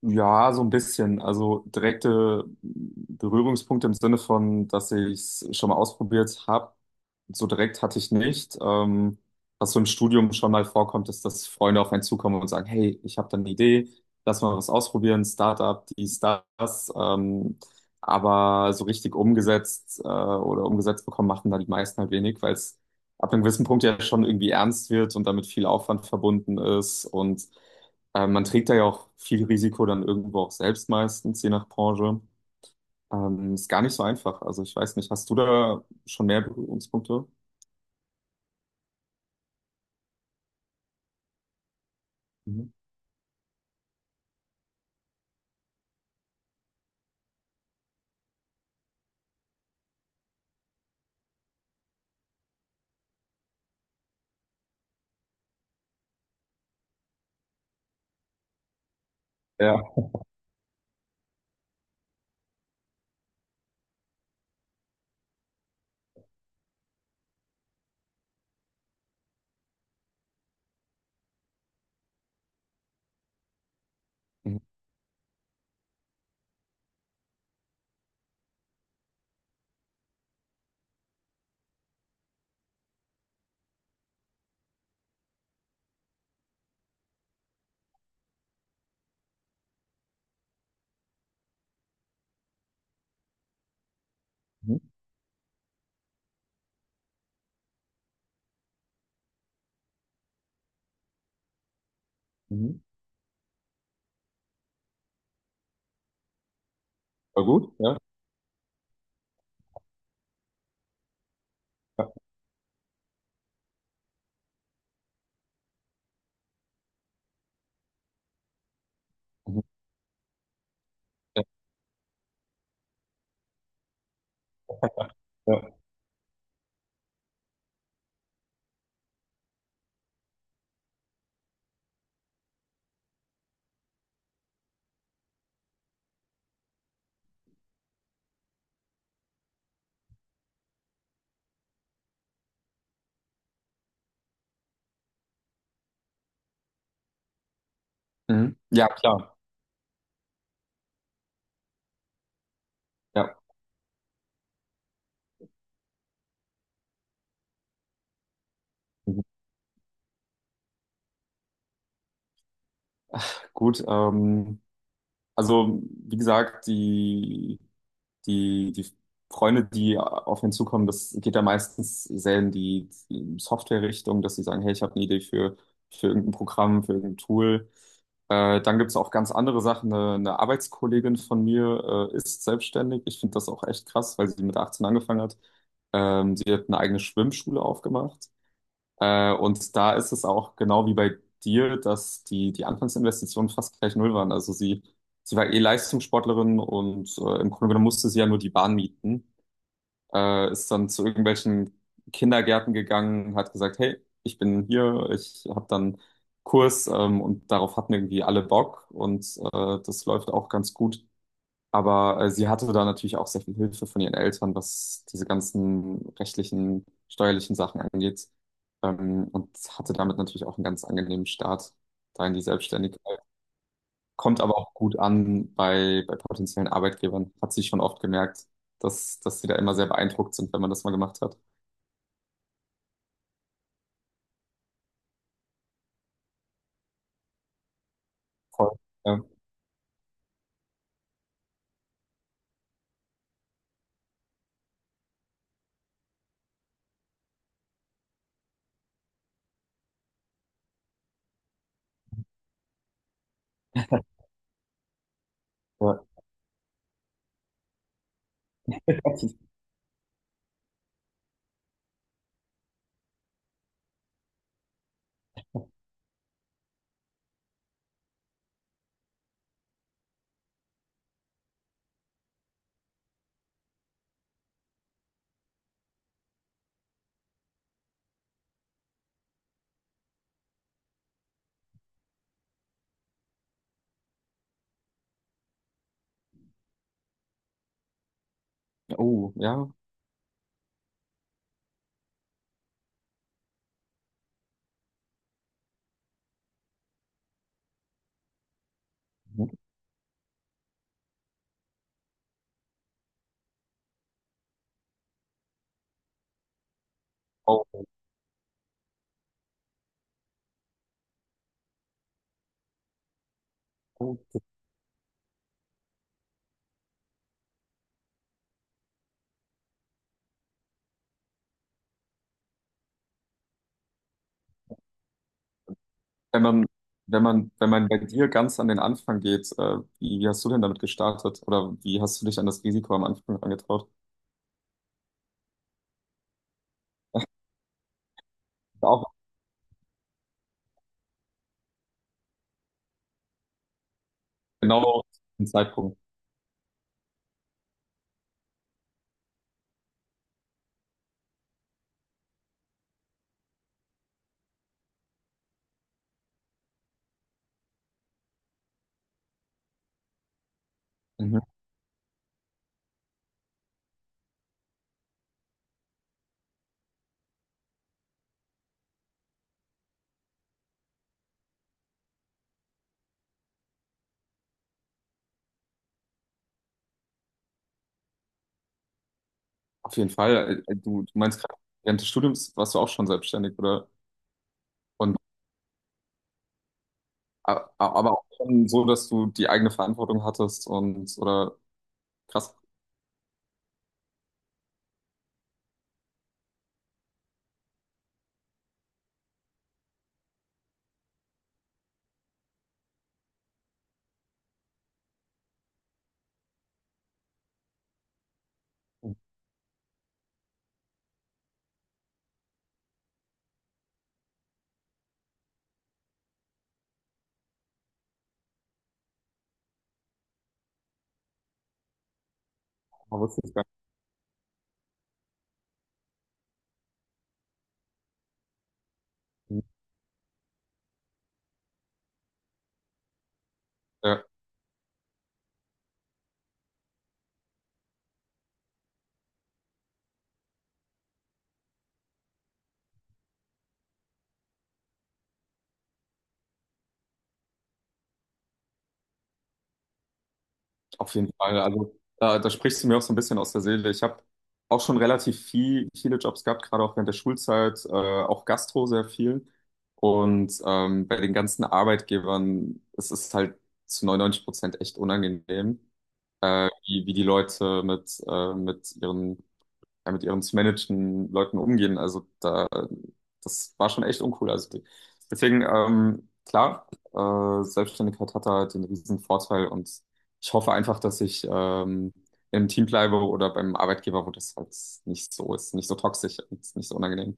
Ja, so ein bisschen. Also direkte Berührungspunkte im Sinne von, dass ich es schon mal ausprobiert habe. So direkt hatte ich nicht. Was so im Studium schon mal vorkommt, ist, dass Freunde auf einen zukommen und sagen, hey, ich habe da eine Idee, lass mal was ausprobieren, Startup, dies, das. Aber so richtig umgesetzt oder umgesetzt bekommen, machen da die meisten halt wenig, weil es ab einem gewissen Punkt ja schon irgendwie ernst wird und damit viel Aufwand verbunden ist und man trägt da ja auch viel Risiko dann irgendwo auch selbst meistens, je nach Branche. Ist gar nicht so einfach. Also ich weiß nicht, hast du da schon mehr Berührungspunkte? Mhm. Ja. Mhm. Mhm. Mhm. War gut, ja. Ja. Mhm. Ja. Ja. Mhm. Ja, klar. Ja. Mhm. Gut, also wie gesagt, die Freunde, die auf ihn zukommen, das geht ja meistens sehr in die Software-Richtung, dass sie sagen, hey, ich habe eine Idee für irgendein Programm, für irgendein Tool. Dann gibt's auch ganz andere Sachen. Eine Arbeitskollegin von mir ist selbstständig. Ich finde das auch echt krass, weil sie mit 18 angefangen hat. Sie hat eine eigene Schwimmschule aufgemacht. Und da ist es auch genau wie bei dir, dass die Anfangsinvestitionen fast gleich null waren. Also sie war eh Leistungssportlerin und im Grunde genommen musste sie ja nur die Bahn mieten. Ist dann zu irgendwelchen Kindergärten gegangen, hat gesagt, hey, ich bin hier, ich habe dann Kurs und darauf hatten irgendwie alle Bock und das läuft auch ganz gut. Aber sie hatte da natürlich auch sehr viel Hilfe von ihren Eltern, was diese ganzen rechtlichen, steuerlichen Sachen angeht. Und hatte damit natürlich auch einen ganz angenehmen Start da in die Selbstständigkeit. Kommt aber auch gut an bei, bei potenziellen Arbeitgebern. Hat sie schon oft gemerkt, dass, dass sie da immer sehr beeindruckt sind, wenn man das mal gemacht hat. Voll. Ja. Ja. Oh, ja. Oh, oh. Wenn man, wenn man bei dir ganz an den Anfang geht, wie, wie hast du denn damit gestartet? Oder wie hast du dich an das Risiko am Anfang angetraut? Auch genau den Zeitpunkt. Mhm. Auf jeden Fall. Du, du meinst gerade, während des Studiums warst du auch schon selbstständig, oder? Und, a- aber auch schon so, dass du die eigene Verantwortung hattest und, oder krass, man wusste es gar nicht. äh, Auf jeden Fall. Also da, da sprichst du mir auch so ein bisschen aus der Seele. Ich habe auch schon relativ viel, viele Jobs gehabt, gerade auch während der Schulzeit, auch Gastro sehr viel. Und bei den ganzen Arbeitgebern, es ist halt zu 99% echt unangenehm, wie, wie die Leute mit ihren ja, mit ihren zu managenden Leuten umgehen. Also da, das war schon echt uncool. Also die, deswegen, klar, Selbstständigkeit hat da den riesen Vorteil und ich hoffe einfach, dass ich im Team bleibe oder beim Arbeitgeber, wo das halt nicht so ist, nicht so toxisch und nicht so unangenehm.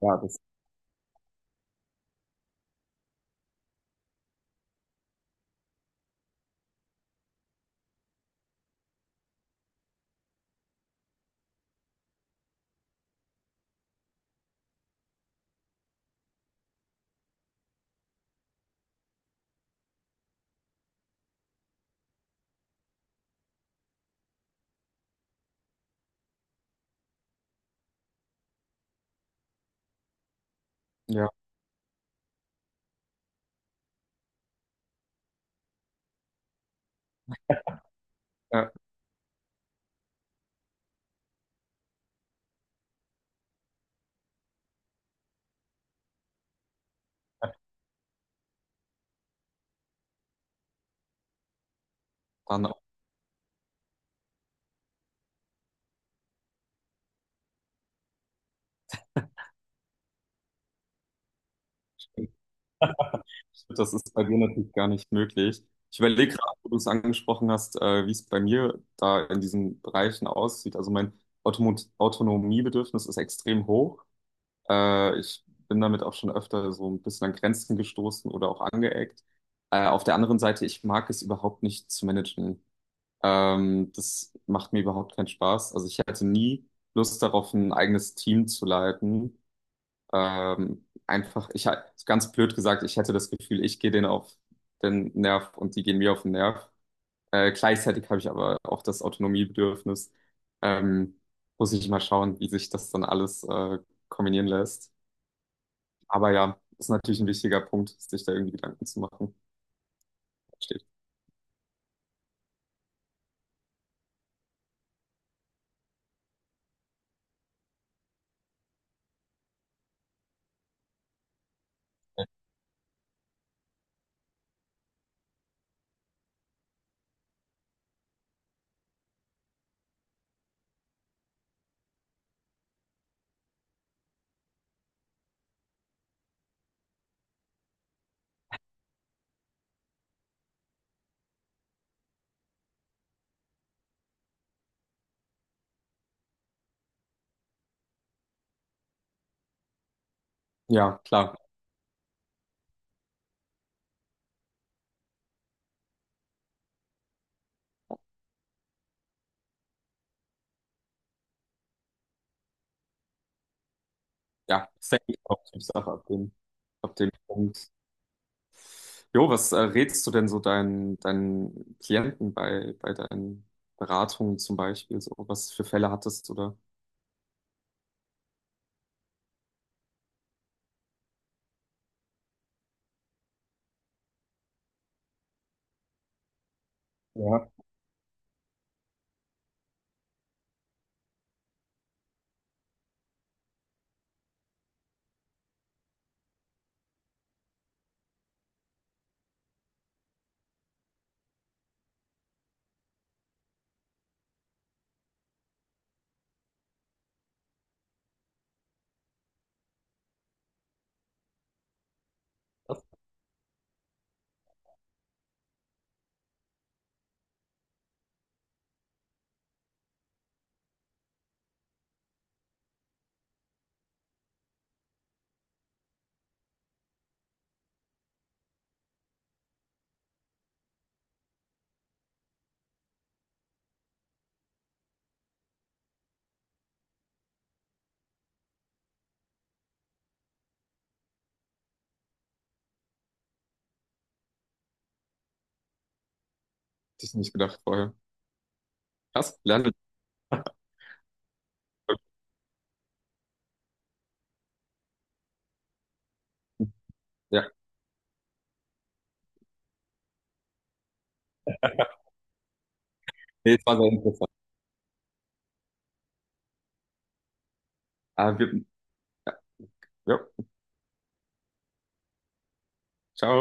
Ja, das, ja, ja, dann auch. Das ist bei dir natürlich gar nicht möglich. Ich überlege gerade, wo du es angesprochen hast, wie es bei mir da in diesen Bereichen aussieht. Also mein Automo Autonomiebedürfnis ist extrem hoch. Ich bin damit auch schon öfter so ein bisschen an Grenzen gestoßen oder auch angeeckt. Auf der anderen Seite, ich mag es überhaupt nicht zu managen. Das macht mir überhaupt keinen Spaß. Also ich hätte nie Lust darauf, ein eigenes Team zu leiten. Einfach, ganz blöd gesagt, ich hätte das Gefühl, ich gehe denen auf den Nerv und die gehen mir auf den Nerv. Gleichzeitig habe ich aber auch das Autonomiebedürfnis. Ähm, Muss ich mal schauen, wie sich das dann alles kombinieren lässt. Aber ja, ist natürlich ein wichtiger Punkt, sich da irgendwie Gedanken zu machen. Steht. Ja, klar. Ja, ist eigentlich auch Typsache ab dem Punkt. Jo, was rätst du denn so deinen, deinen Klienten bei, bei deinen Beratungen zum Beispiel? So, was für Fälle hattest du da? Ja, hätte ich nicht gedacht vorher. Krass, lerne. Ich. Ja, nee, es war sehr interessant. Ah, wir, ja, jo, ciao.